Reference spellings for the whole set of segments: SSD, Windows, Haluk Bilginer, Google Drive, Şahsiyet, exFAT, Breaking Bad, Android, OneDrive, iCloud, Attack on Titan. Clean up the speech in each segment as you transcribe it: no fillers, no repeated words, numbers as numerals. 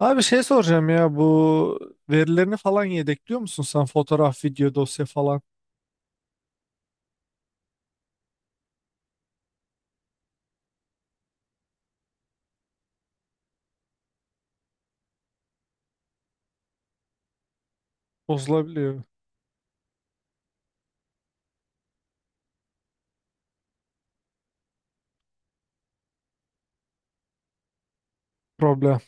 Abi şey soracağım ya, bu verilerini falan yedekliyor musun sen? Fotoğraf, video, dosya falan bozulabiliyor, problem.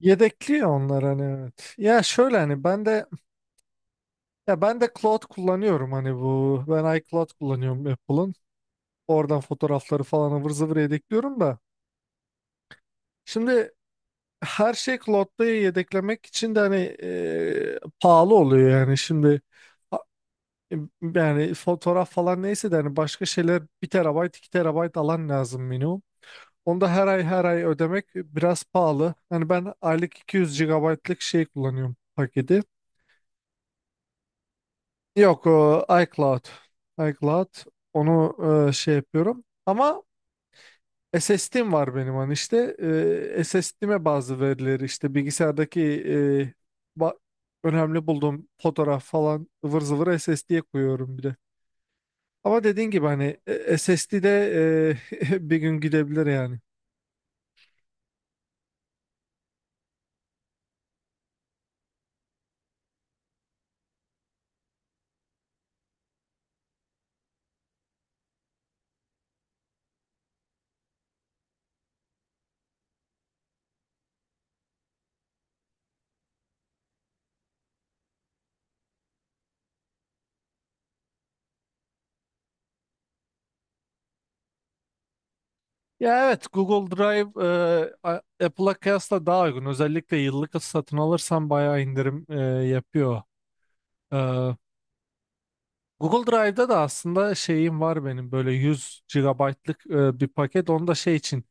Yedekliyor onlar, hani evet. Ya şöyle, hani ben de, ben de cloud kullanıyorum, hani bu ben iCloud kullanıyorum Apple'ın. Oradan fotoğrafları falan ıvır zıvır yedekliyorum da. Şimdi her şey cloud'da yedeklemek için de hani pahalı oluyor yani. Şimdi a- yani fotoğraf falan neyse de, hani başka şeyler, bir terabayt 2 terabayt alan lazım minimum. Onu da her ay her ay ödemek biraz pahalı. Hani ben aylık 200 gigabaytlık şey kullanıyorum, paketi. Yok, o iCloud. iCloud onu şey yapıyorum. Ama SSD'm var benim, hani işte SSD'me bazı verileri, işte bilgisayardaki e, ba- önemli bulduğum fotoğraf falan ıvır zıvır SSD'ye koyuyorum bir de. Ama dediğin gibi hani SSD'de bir gün gidebilir yani. Ya evet, Google Drive Apple'a kıyasla daha uygun. Özellikle yıllık satın alırsan bayağı indirim yapıyor. E, Google Drive'da da aslında şeyim var benim, böyle 100 gigabaytlık bir paket. Onda şey için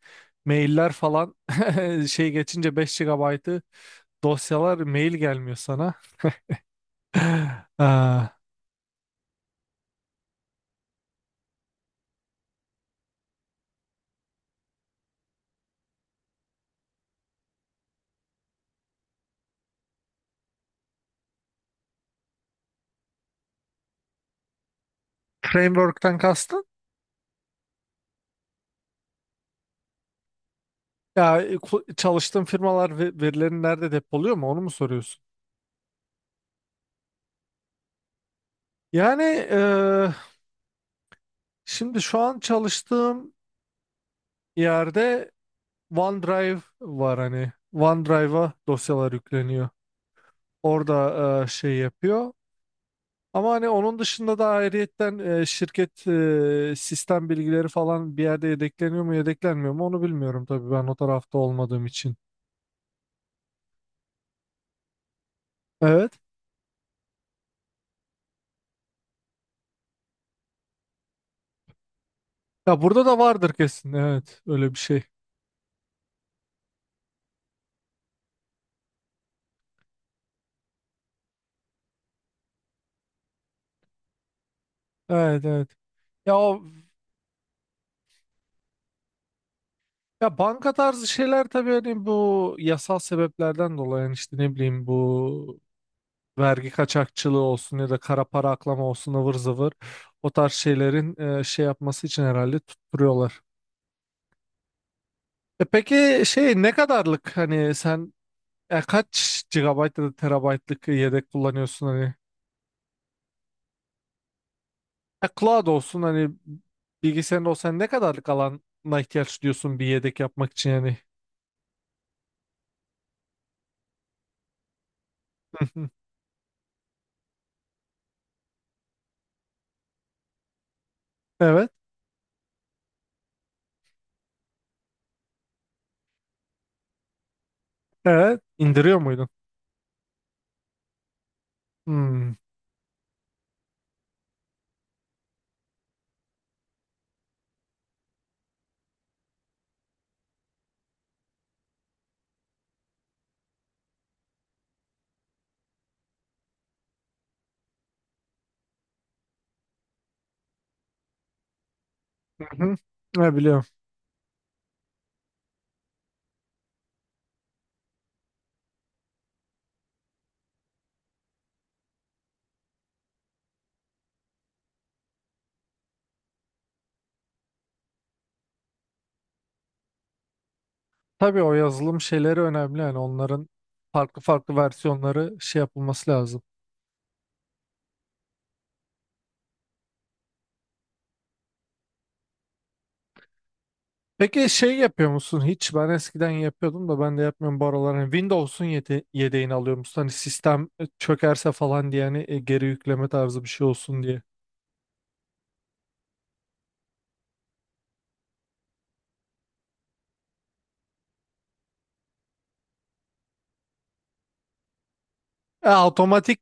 mailler falan şey geçince 5 gigabaytı, dosyalar, mail gelmiyor sana. E, Framework'ten kastın? Ya çalıştığın firmalar verilerini nerede depoluyor mu, onu mu soruyorsun? Yani e, şimdi şu an çalıştığım yerde OneDrive var hani. OneDrive'a dosyalar yükleniyor. Orada şey yapıyor. Ama hani onun dışında da ayrıyetten şirket sistem bilgileri falan bir yerde yedekleniyor mu, yedeklenmiyor mu, onu bilmiyorum tabii, ben o tarafta olmadığım için. Evet. Ya burada da vardır kesin. Evet, öyle bir şey. Evet, evet. Ya o, ya banka tarzı şeyler tabii hani, bu yasal sebeplerden dolayı. Yani işte ne bileyim, bu vergi kaçakçılığı olsun ya da kara para aklama olsun ıvır zıvır, o tarz şeylerin şey yapması için herhalde tutturuyorlar. E peki şey, ne kadarlık, hani sen kaç gigabayt ya da terabaytlık yedek kullanıyorsun hani? Cloud olsun hani, bilgisayarın olsa ne kadarlık alana ihtiyaç duyuyorsun bir yedek yapmak için yani? Evet, evet. İndiriyor muydun? Hmm. Hı-hı. Ne biliyorum. Tabii o yazılım şeyleri önemli yani, onların farklı farklı versiyonları şey yapılması lazım. Peki şey yapıyor musun hiç? Ben eskiden yapıyordum da, ben de yapmıyorum bu aralar. Hani Windows'un yedeğini alıyor musun? Hani sistem çökerse falan diye, hani geri yükleme tarzı bir şey olsun diye. Otomatik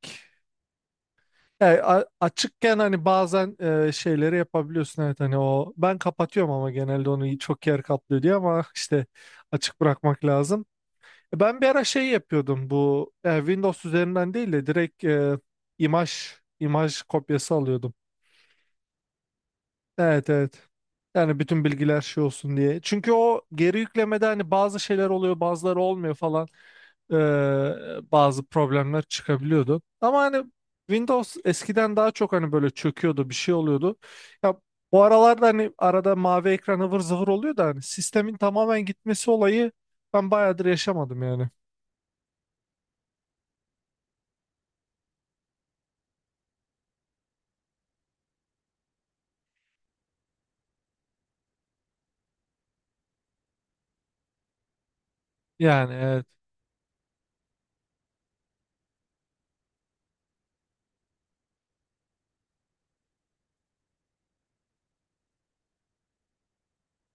açıkken hani bazen şeyleri yapabiliyorsun, evet. Hani o ben kapatıyorum ama, genelde onu çok yer kaplıyor diye, ama işte açık bırakmak lazım. Ben bir ara şey yapıyordum, bu Windows üzerinden değil de direkt imaj imaj kopyası alıyordum. Evet evet. Yani bütün bilgiler şey olsun diye. Çünkü o geri yüklemede hani bazı şeyler oluyor, bazıları olmuyor falan. Ee, Bazı problemler çıkabiliyordu. Ama hani Windows eskiden daha çok hani böyle çöküyordu, bir şey oluyordu. Ya bu aralarda hani arada mavi ekran ıvır zıvır oluyor da, hani sistemin tamamen gitmesi olayı, ben bayağıdır yaşamadım yani. Yani evet.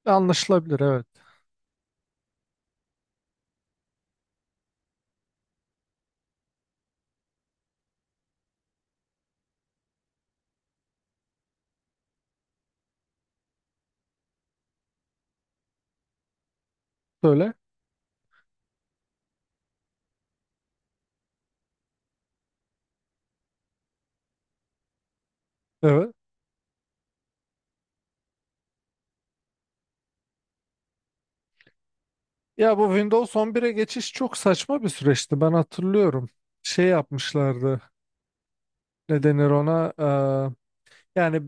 Anlaşılabilir, evet. Böyle. Evet. Ya bu Windows 11'e geçiş çok saçma bir süreçti. Ben hatırlıyorum. Şey yapmışlardı. Ne denir ona? Yani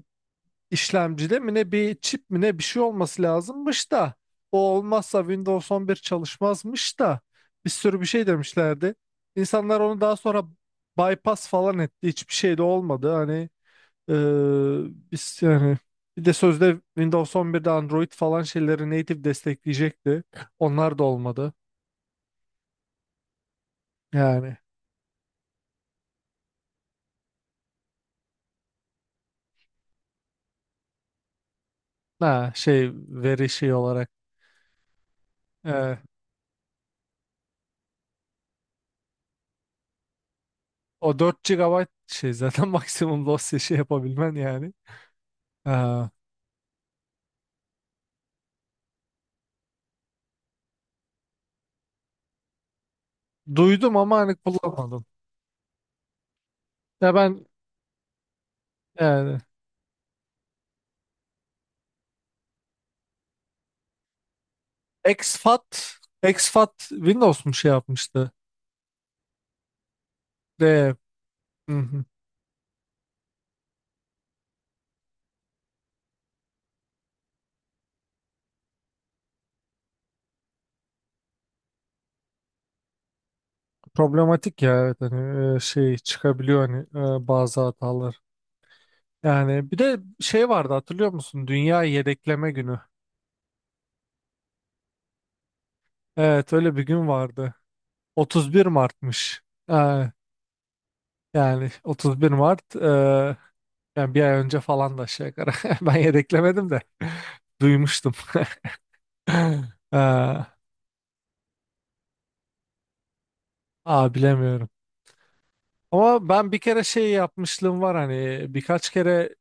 işlemcide mi ne, bir çip mi ne, bir şey olması lazımmış da, o olmazsa Windows 11 çalışmazmış da, bir sürü bir şey demişlerdi. İnsanlar onu daha sonra bypass falan etti. Hiçbir şey de olmadı. Hani ee, biz yani, bir de sözde Windows 11'de Android falan şeyleri native destekleyecekti. Onlar da olmadı. Yani. Ha, şey, veri şey olarak. Ee, O 4 GB şey zaten, maksimum dosya şey yapabilmen yani. Ha, duydum ama hani kullanmadım. Ya ben yani, exFAT exFAT Windows mu şey yapmıştı? De, hı hı. Problematik ya, evet, hani şey çıkabiliyor, hani bazı hatalar. Yani bir de şey vardı, hatırlıyor musun? Dünya yedekleme günü. Evet, öyle bir gün vardı. 31 Mart'mış. Ha, yani 31 Mart yani bir ay önce falan da aşağı yukarı. Ben yedeklemedim de duymuştum. Aa, aa, bilemiyorum. Ama ben bir kere şey yapmışlığım var hani, birkaç kere,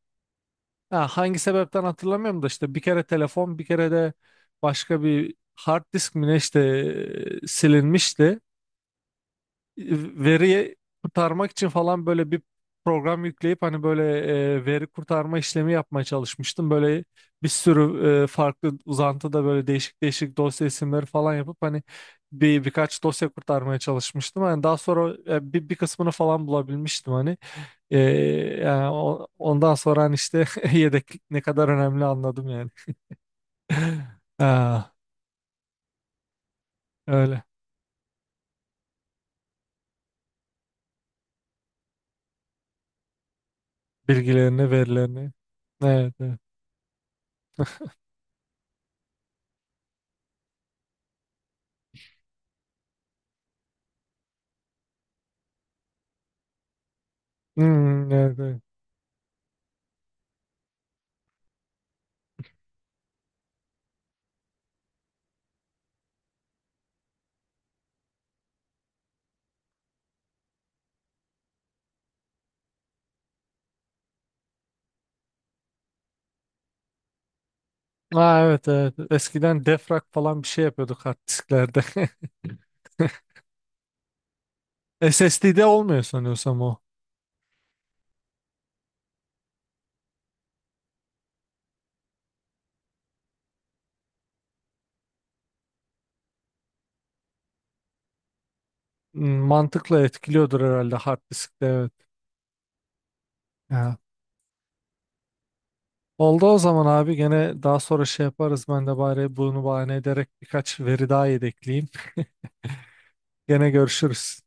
ha, hangi sebepten hatırlamıyorum da işte. Bir kere telefon, bir kere de başka bir hard disk mi ne işte, silinmişti. Veriyi kurtarmak için falan böyle bir program yükleyip, hani böyle veri kurtarma işlemi yapmaya çalışmıştım. Böyle bir sürü farklı uzantıda böyle değişik değişik dosya isimleri falan yapıp, hani birkaç dosya kurtarmaya çalışmıştım. Hani daha sonra bir kısmını falan bulabilmiştim hani. E, Yani ondan sonra hani işte yedeklik ne kadar önemli anladım yani. Ha, öyle. Bilgilerini, verilerini. Evet, evet. Hmm, evet, evet. Aa, evet evet. Eskiden defrag falan bir şey yapıyorduk hard disklerde. SSD'de olmuyor sanıyorsam o. Hmm, mantıkla etkiliyordur herhalde hard diskte, evet. Ya. Oldu o zaman abi, gene daha sonra şey yaparız, ben de bari bunu bahane ederek birkaç veri daha yedekleyeyim. Gene görüşürüz.